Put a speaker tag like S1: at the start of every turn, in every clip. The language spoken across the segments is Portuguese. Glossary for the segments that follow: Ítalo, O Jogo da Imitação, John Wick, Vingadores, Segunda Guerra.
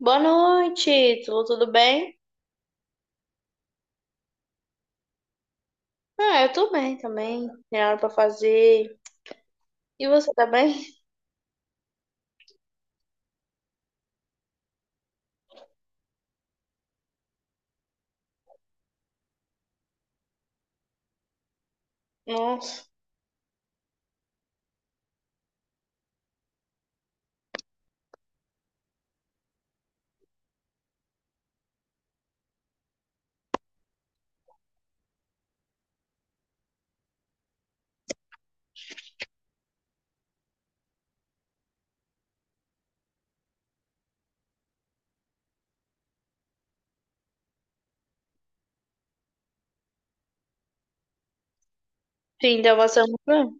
S1: Boa noite, tudo bem? Ah, eu tô bem também. Tem nada pra fazer. E você tá bem? Nossa. Sim, deu uma semana.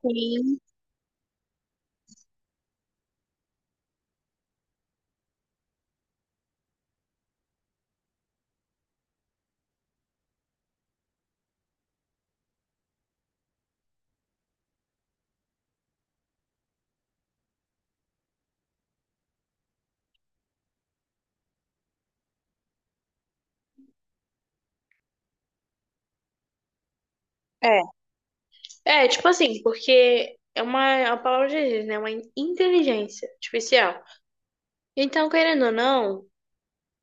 S1: Sim. É. É, tipo assim, porque é uma palavra de Deus, né? Uma inteligência artificial. Então, querendo ou não,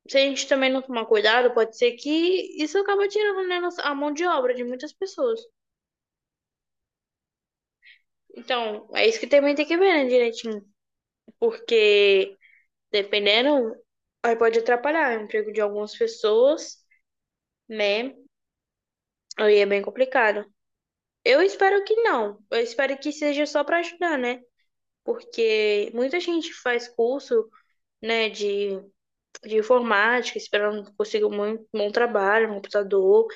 S1: se a gente também não tomar cuidado, pode ser que isso acaba tirando, né, a mão de obra de muitas pessoas. Então, é isso que também tem que ver, né, direitinho. Porque dependendo, aí pode atrapalhar o emprego de algumas pessoas, né? Aí é bem complicado. Eu espero que não. Eu espero que seja só para ajudar, né? Porque muita gente faz curso, né, de informática, esperando que consiga um bom trabalho no computador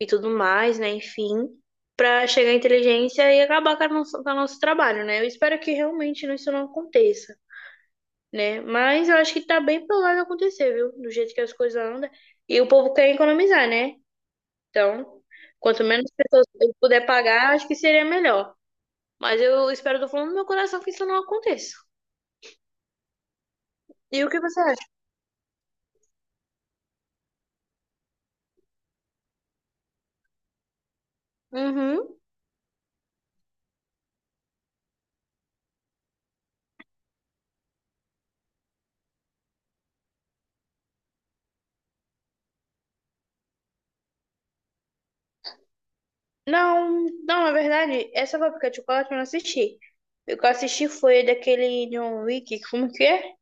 S1: e tudo mais, né? Enfim, para chegar à inteligência e acabar com a com o nosso trabalho, né? Eu espero que realmente isso não aconteça, né? Mas eu acho que tá bem provável acontecer, viu? Do jeito que as coisas andam. E o povo quer economizar, né? Então, quanto menos pessoas eu puder pagar, acho que seria melhor. Mas eu espero do fundo do meu coração que isso não aconteça. E o que você acha? Uhum. Não, não, na verdade, essa fábrica de chocolate eu não assisti. O que eu assisti foi daquele John Wick, como que é?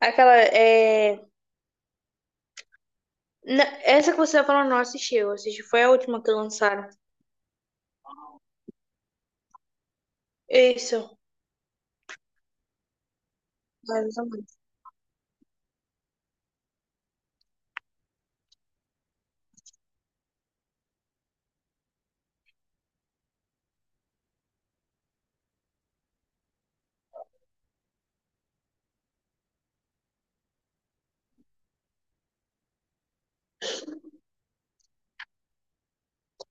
S1: Aquela, essa que você tá falando, eu não assisti, eu assisti. Foi a última que lançaram. Isso. Mais ou menos.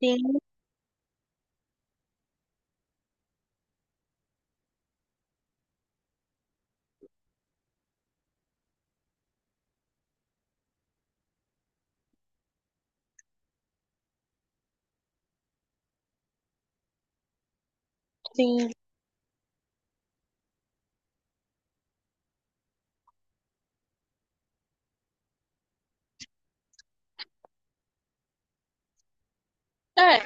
S1: Sim, sim. É.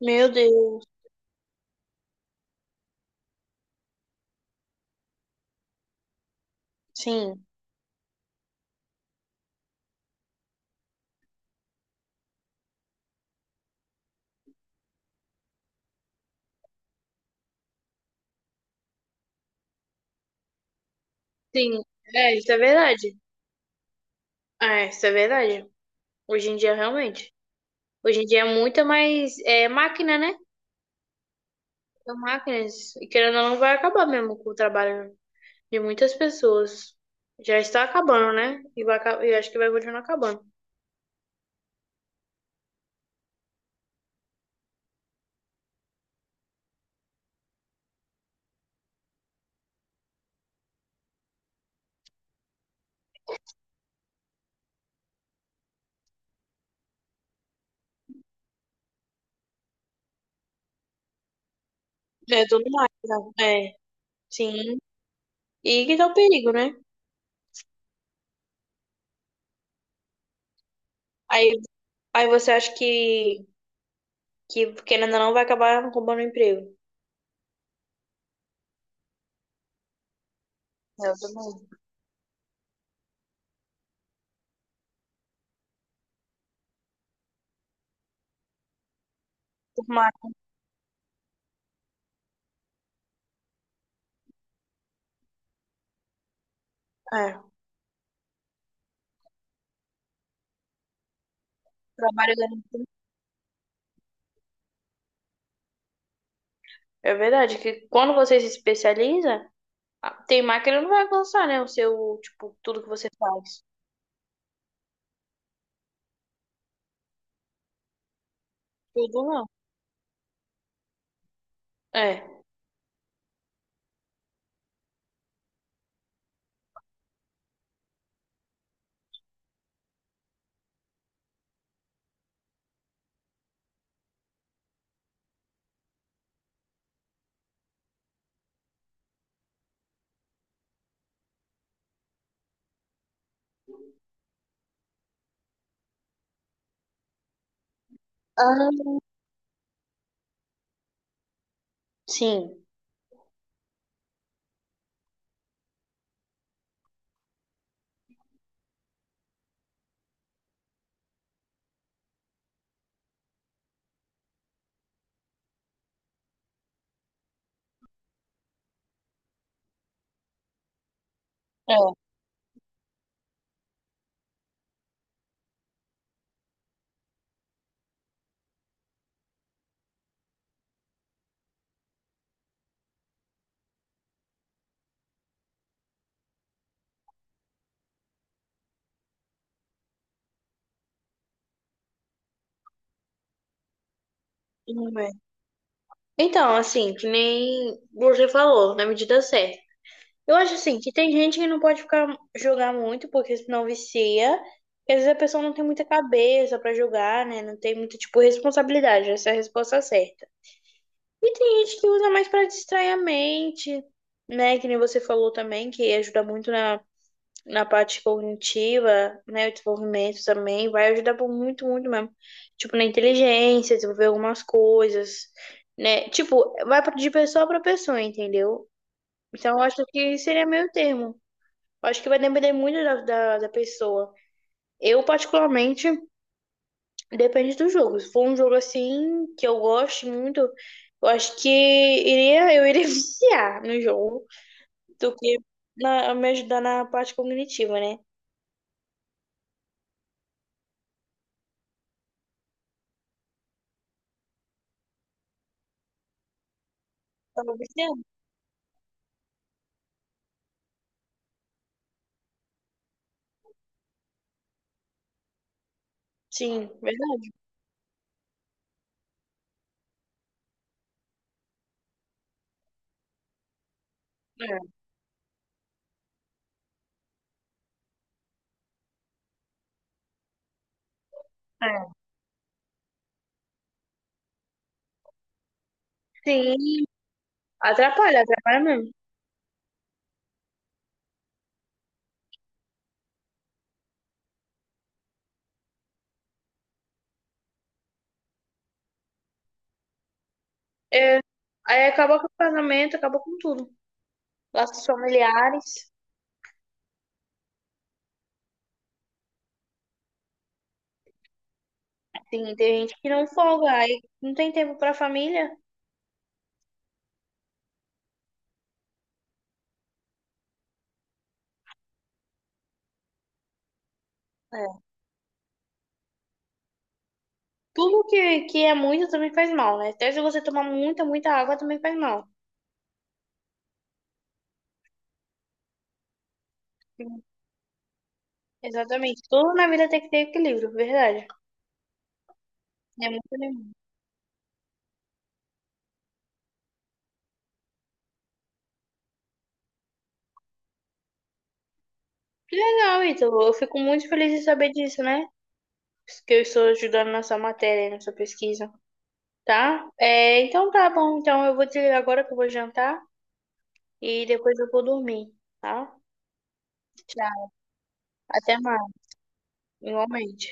S1: Meu Deus. Sim, sim. É, isso é verdade. É, isso é verdade. Hoje em dia, realmente. Hoje em dia é muita mais é, máquina, né? São máquinas. E querendo ou não, vai acabar mesmo com o trabalho de muitas pessoas. Já está acabando, né? E vai, e acho que vai continuar acabando. É, tudo máquina. É, sim. E que dá o perigo, né? Aí, aí você acha que, querendo ou não, vai acabar roubando o emprego. É, eu também. Por mais. É, trabalho. É verdade que quando você se especializa, tem máquina que não vai alcançar, né? O seu, tipo, tudo que você faz. Tudo não. É. Ah, sim. É. Tudo bem. Então, assim, que nem você falou, na medida certa. Eu acho assim que tem gente que não pode ficar jogar muito, porque senão vicia. E às vezes a pessoa não tem muita cabeça pra jogar, né? Não tem muita, tipo, responsabilidade. Essa é a resposta certa. E tem gente que usa mais pra distrair a mente, né? Que nem você falou também, que ajuda muito na parte cognitiva, né, o desenvolvimento também vai ajudar por muito, muito mesmo. Tipo, na inteligência, desenvolver algumas coisas, né? Tipo, de pessoa para pessoa, entendeu? Então, eu acho que seria meio termo. Eu acho que vai depender muito da pessoa. Eu, particularmente, depende do jogo. Se for um jogo assim, que eu gosto muito, eu acho que iria viciar no jogo do que me ajudar na parte cognitiva, né? Tava viciando? Sim, verdade. É, é. Sim, atrapalha, atrapalha mesmo. Aí acaba com o casamento, acaba com tudo. Laços familiares. Sim, tem gente que não folga, aí não tem tempo pra família. É. Tudo que é muito também faz mal, né? Até se você tomar muita, muita água também faz mal. Sim. Exatamente. Tudo na vida tem que ter equilíbrio, verdade. É muito legal. Que legal, Ítalo. Eu fico muito feliz de saber disso, né? Que eu estou ajudando na sua matéria, na sua pesquisa, tá? É, então tá bom. Então eu vou desligar agora que eu vou jantar. E depois eu vou dormir, tá? Tchau. Até mais, igualmente.